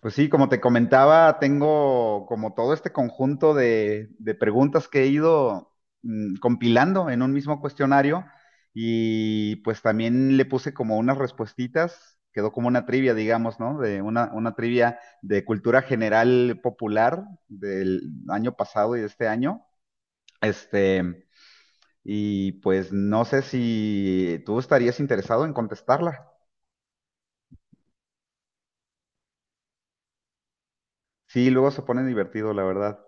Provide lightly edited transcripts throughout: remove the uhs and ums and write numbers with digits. Pues sí, como te comentaba, tengo como todo este conjunto de preguntas que he ido compilando en un mismo cuestionario. Y pues también le puse como unas respuestitas, quedó como una trivia, digamos, ¿no? De una trivia de cultura general popular del año pasado y de este año. Este, y pues no sé si tú estarías interesado en contestarla. Sí, luego se pone divertido, la verdad.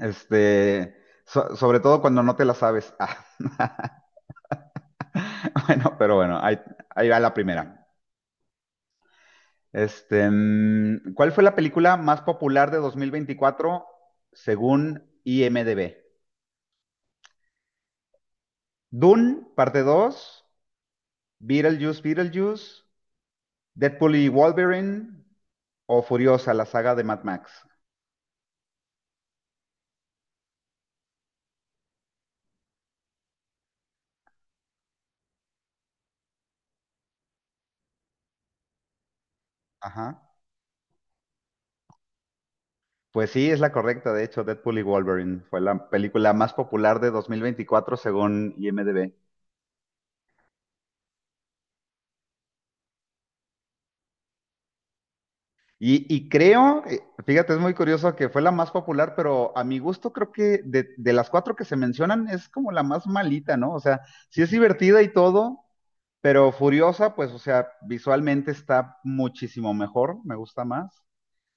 Este, sobre todo cuando no te la sabes. Ah, bueno, pero bueno, ahí va la primera. ¿Cuál fue la película más popular de 2024 según IMDb? Dune, parte 2, Beetlejuice, Beetlejuice, Deadpool y Wolverine o Furiosa, la saga de Mad Max. Ajá. Pues sí, es la correcta, de hecho, Deadpool y Wolverine fue la película más popular de 2024 según IMDb. Y creo, fíjate, es muy curioso que fue la más popular, pero a mi gusto creo que de las cuatro que se mencionan es como la más malita, ¿no? O sea, sí es divertida y todo, pero Furiosa, pues, o sea, visualmente está muchísimo mejor, me gusta más.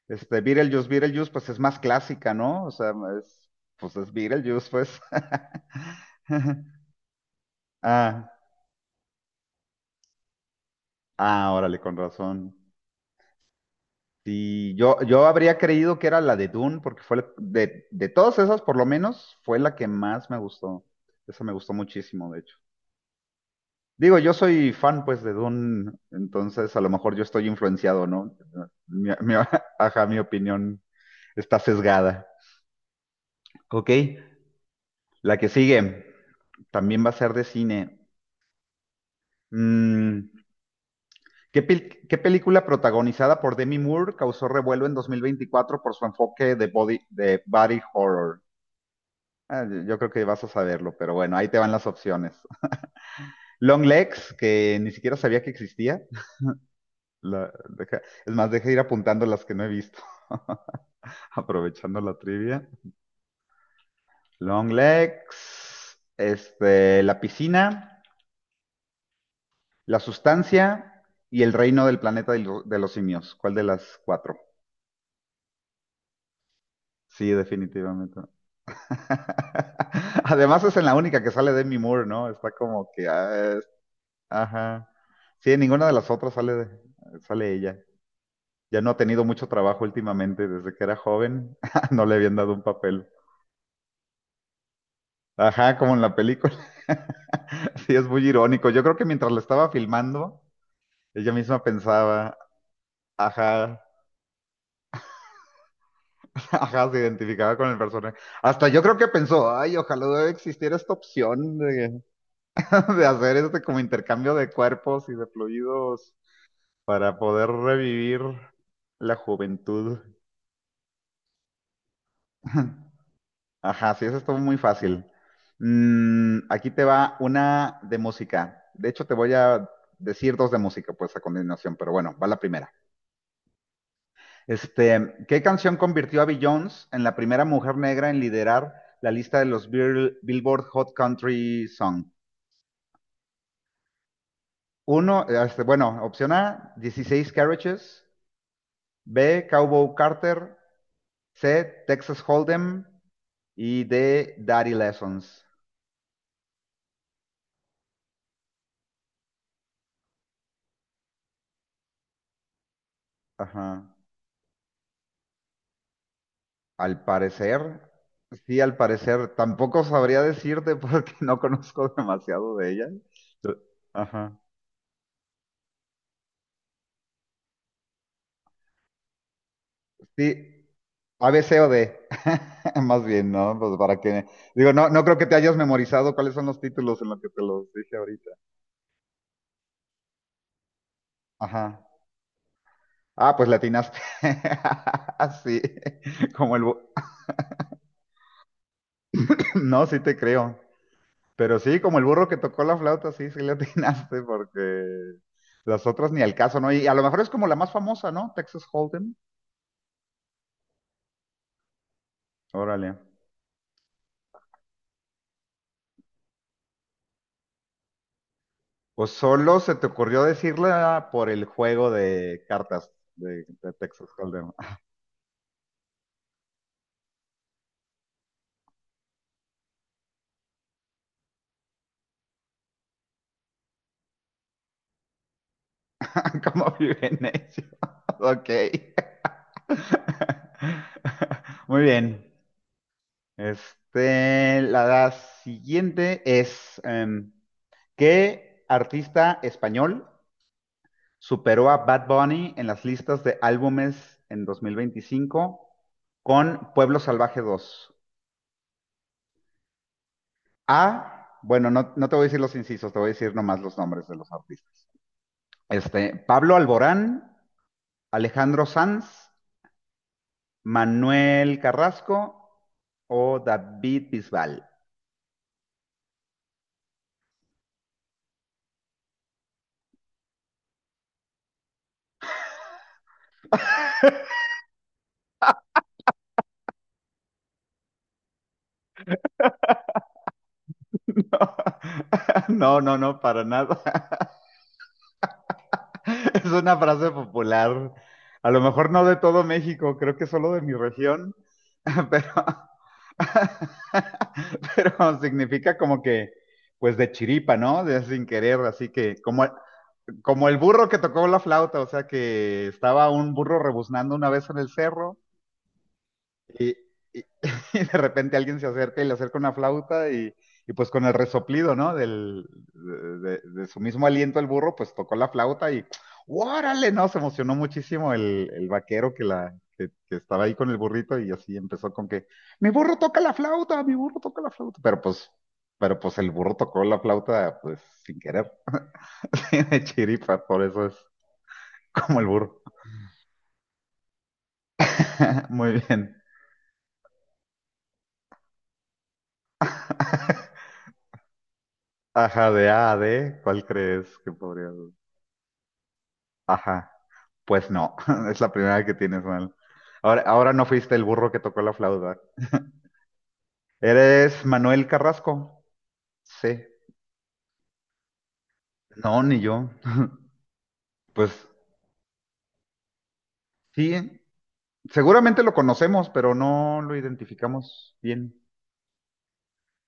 Este, Beetlejuice, Beetlejuice, pues es más clásica, ¿no? O sea, es, pues es Beetlejuice, pues. Ah, ah, órale, con razón. Sí, yo habría creído que era la de Dune, porque de todas esas, por lo menos, fue la que más me gustó. Esa me gustó muchísimo, de hecho. Digo, yo soy fan, pues, de Dune, entonces a lo mejor yo estoy influenciado, ¿no? Mi, mi- ajá, mi opinión está sesgada. Ok, la que sigue también va a ser de cine. Mm, ¿qué película protagonizada por Demi Moore causó revuelo en 2024 por su enfoque de body horror? Ah, yo creo que vas a saberlo, pero bueno, ahí te van las opciones. Long legs, que ni siquiera sabía que existía. Es más, deja de ir apuntando las que no he visto, aprovechando la trivia. Long legs, este, la piscina, la sustancia y el reino del planeta de los simios. ¿Cuál de las cuatro? Sí, definitivamente. Además es en la única que sale Demi Moore, ¿no? Está como que, ah, ajá. Sí, en ninguna de las otras sale ella. Ya no ha tenido mucho trabajo últimamente, desde que era joven, no le habían dado un papel. Ajá, como en la película. Sí, es muy irónico. Yo creo que mientras la estaba filmando, ella misma pensaba, ajá, ajá, se identificaba con el personaje. Hasta yo creo que pensó, ay, ojalá no existiera esta opción de, de hacer este como intercambio de cuerpos y de fluidos para poder revivir la juventud. Ajá, sí, eso estuvo muy fácil. Mm, aquí te va una de música. De hecho, te voy a decir dos de música, pues a continuación, pero bueno, va la primera. ¿Qué canción convirtió a Beyoncé en la primera mujer negra en liderar la lista de los Billboard Hot Country Song? Uno, este, bueno, opción A, 16 Carriages, B, Cowboy Carter, C, Texas Hold'em y D, Daddy Lessons. Ajá. Al parecer, sí, al parecer, tampoco sabría decirte porque no conozco demasiado de ella. Ajá. Sí, A, B, C o D. Más bien, ¿no? Pues para que... Digo, no, no creo que te hayas memorizado cuáles son los títulos en los que te los dije ahorita. Ajá. Ah, pues le atinaste. Sí. Como el... bu- No, sí te creo. Pero sí, como el burro que tocó la flauta, sí, sí le atinaste, porque las otras ni al caso, ¿no? Y a lo mejor es como la más famosa, ¿no? Texas Hold'em. Órale. O solo se te ocurrió decirla por el juego de cartas de Texas Hold'em. ¿Cómo viven ellos? Ok. Muy bien. Este, la siguiente es, ¿qué artista español superó a Bad Bunny en las listas de álbumes en 2025 con Pueblo Salvaje 2? A, bueno, no, no te voy a decir los incisos, te voy a decir nomás los nombres de los artistas. Este, Pablo Alborán, Alejandro Sanz, Manuel Carrasco o David Bisbal. No, no, no, para nada. Es una frase popular. A lo mejor no de todo México, creo que solo de mi región, pero, pero significa como que, pues de chiripa, ¿no? De sin querer, así que como el burro que tocó la flauta, o sea que estaba un burro rebuznando una vez en el cerro y, y- y de repente alguien se acerca y le acerca una flauta y pues con el resoplido, ¿no? De su mismo aliento, el burro pues tocó la flauta y ¡órale! No, se emocionó muchísimo el vaquero que estaba ahí con el burrito y así empezó con que ¡mi burro toca la flauta! ¡Mi burro toca la flauta! Pero pues el burro tocó la flauta pues sin querer, de chiripa, por eso es como el burro. Muy bien. Ajá, de A a D, ¿cuál crees que podría...? Ajá. Pues no, es la primera vez que tienes mal. Ahora, ahora no fuiste el burro que tocó la flauta. ¿Eres Manuel Carrasco? Sí. No, ni yo. Pues sí, seguramente lo conocemos, pero no lo identificamos bien.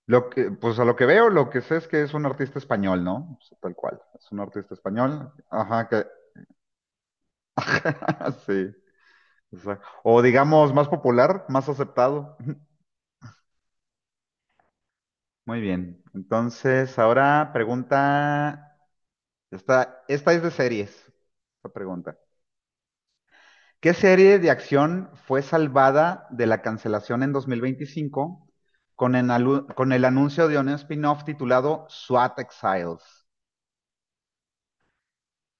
Pues a lo que veo, lo que sé es que es un artista español, ¿no? O sea, tal cual, es un artista español. Ajá, que sí. O sea, o digamos más popular, más aceptado. Muy bien. Entonces, ahora pregunta. Esta es de series, esta pregunta. ¿Qué serie de acción fue salvada de la cancelación en 2025 con con el anuncio de un spin-off titulado SWAT Exiles?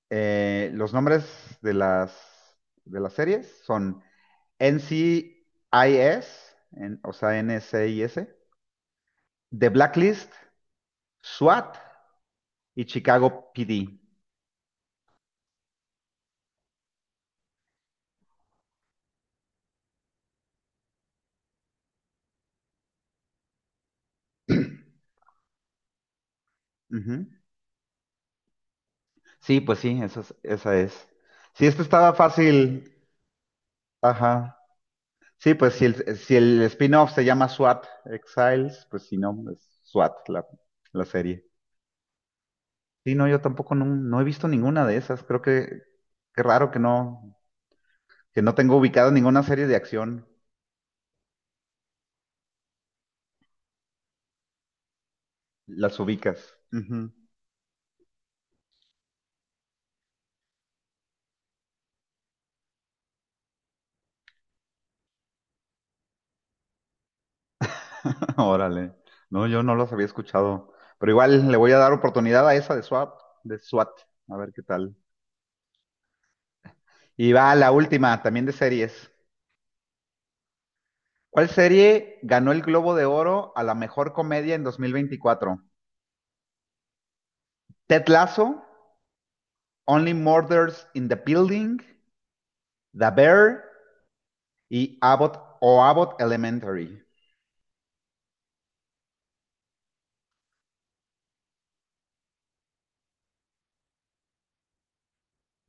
Los nombres de las, de las series son NCIS, o sea, NCIS, The Blacklist, SWAT y Chicago PD. Ujú. Sí, pues sí, esa es, esa es. Sí, esto estaba fácil. Ajá. Sí, pues si el spin-off se llama SWAT Exiles, pues si no, es SWAT la serie. Sí, no, yo tampoco no, no he visto ninguna de esas. Creo que qué raro que no, tengo ubicada ninguna serie de acción. Las ubicas. Ujú. Órale. No, yo no los había escuchado. Pero igual le voy a dar oportunidad a esa de SWAT, de SWAT. A ver qué tal. Y va la última, también de series. ¿Cuál serie ganó el Globo de Oro a la mejor comedia en 2024? ¿Ted Lasso? Only Murders in the Building, The Bear y Abbott o Abbott Elementary.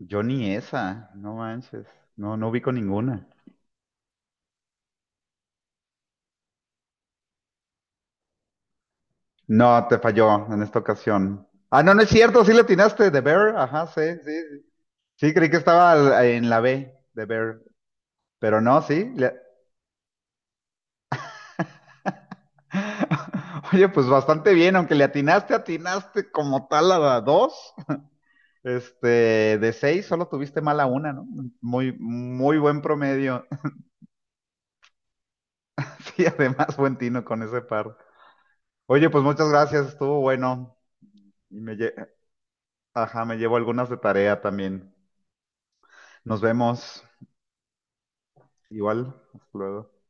Yo ni esa, no manches. No, no ubico ninguna. No, te falló en esta ocasión. Ah, no, no es cierto, sí le atinaste, The Bear, ajá, sí, sí. Sí, sí, creí que estaba en la B, The Bear, pero no, sí. Oye, pues bastante bien, aunque le atinaste, atinaste como tal a la dos. Este, de seis solo tuviste mala una, ¿no? Muy, muy buen promedio. Sí, además buen tino con ese par. Oye, pues muchas gracias, estuvo bueno. Y me lle- Ajá, me llevo algunas de tarea también. Nos vemos. Igual, hasta luego.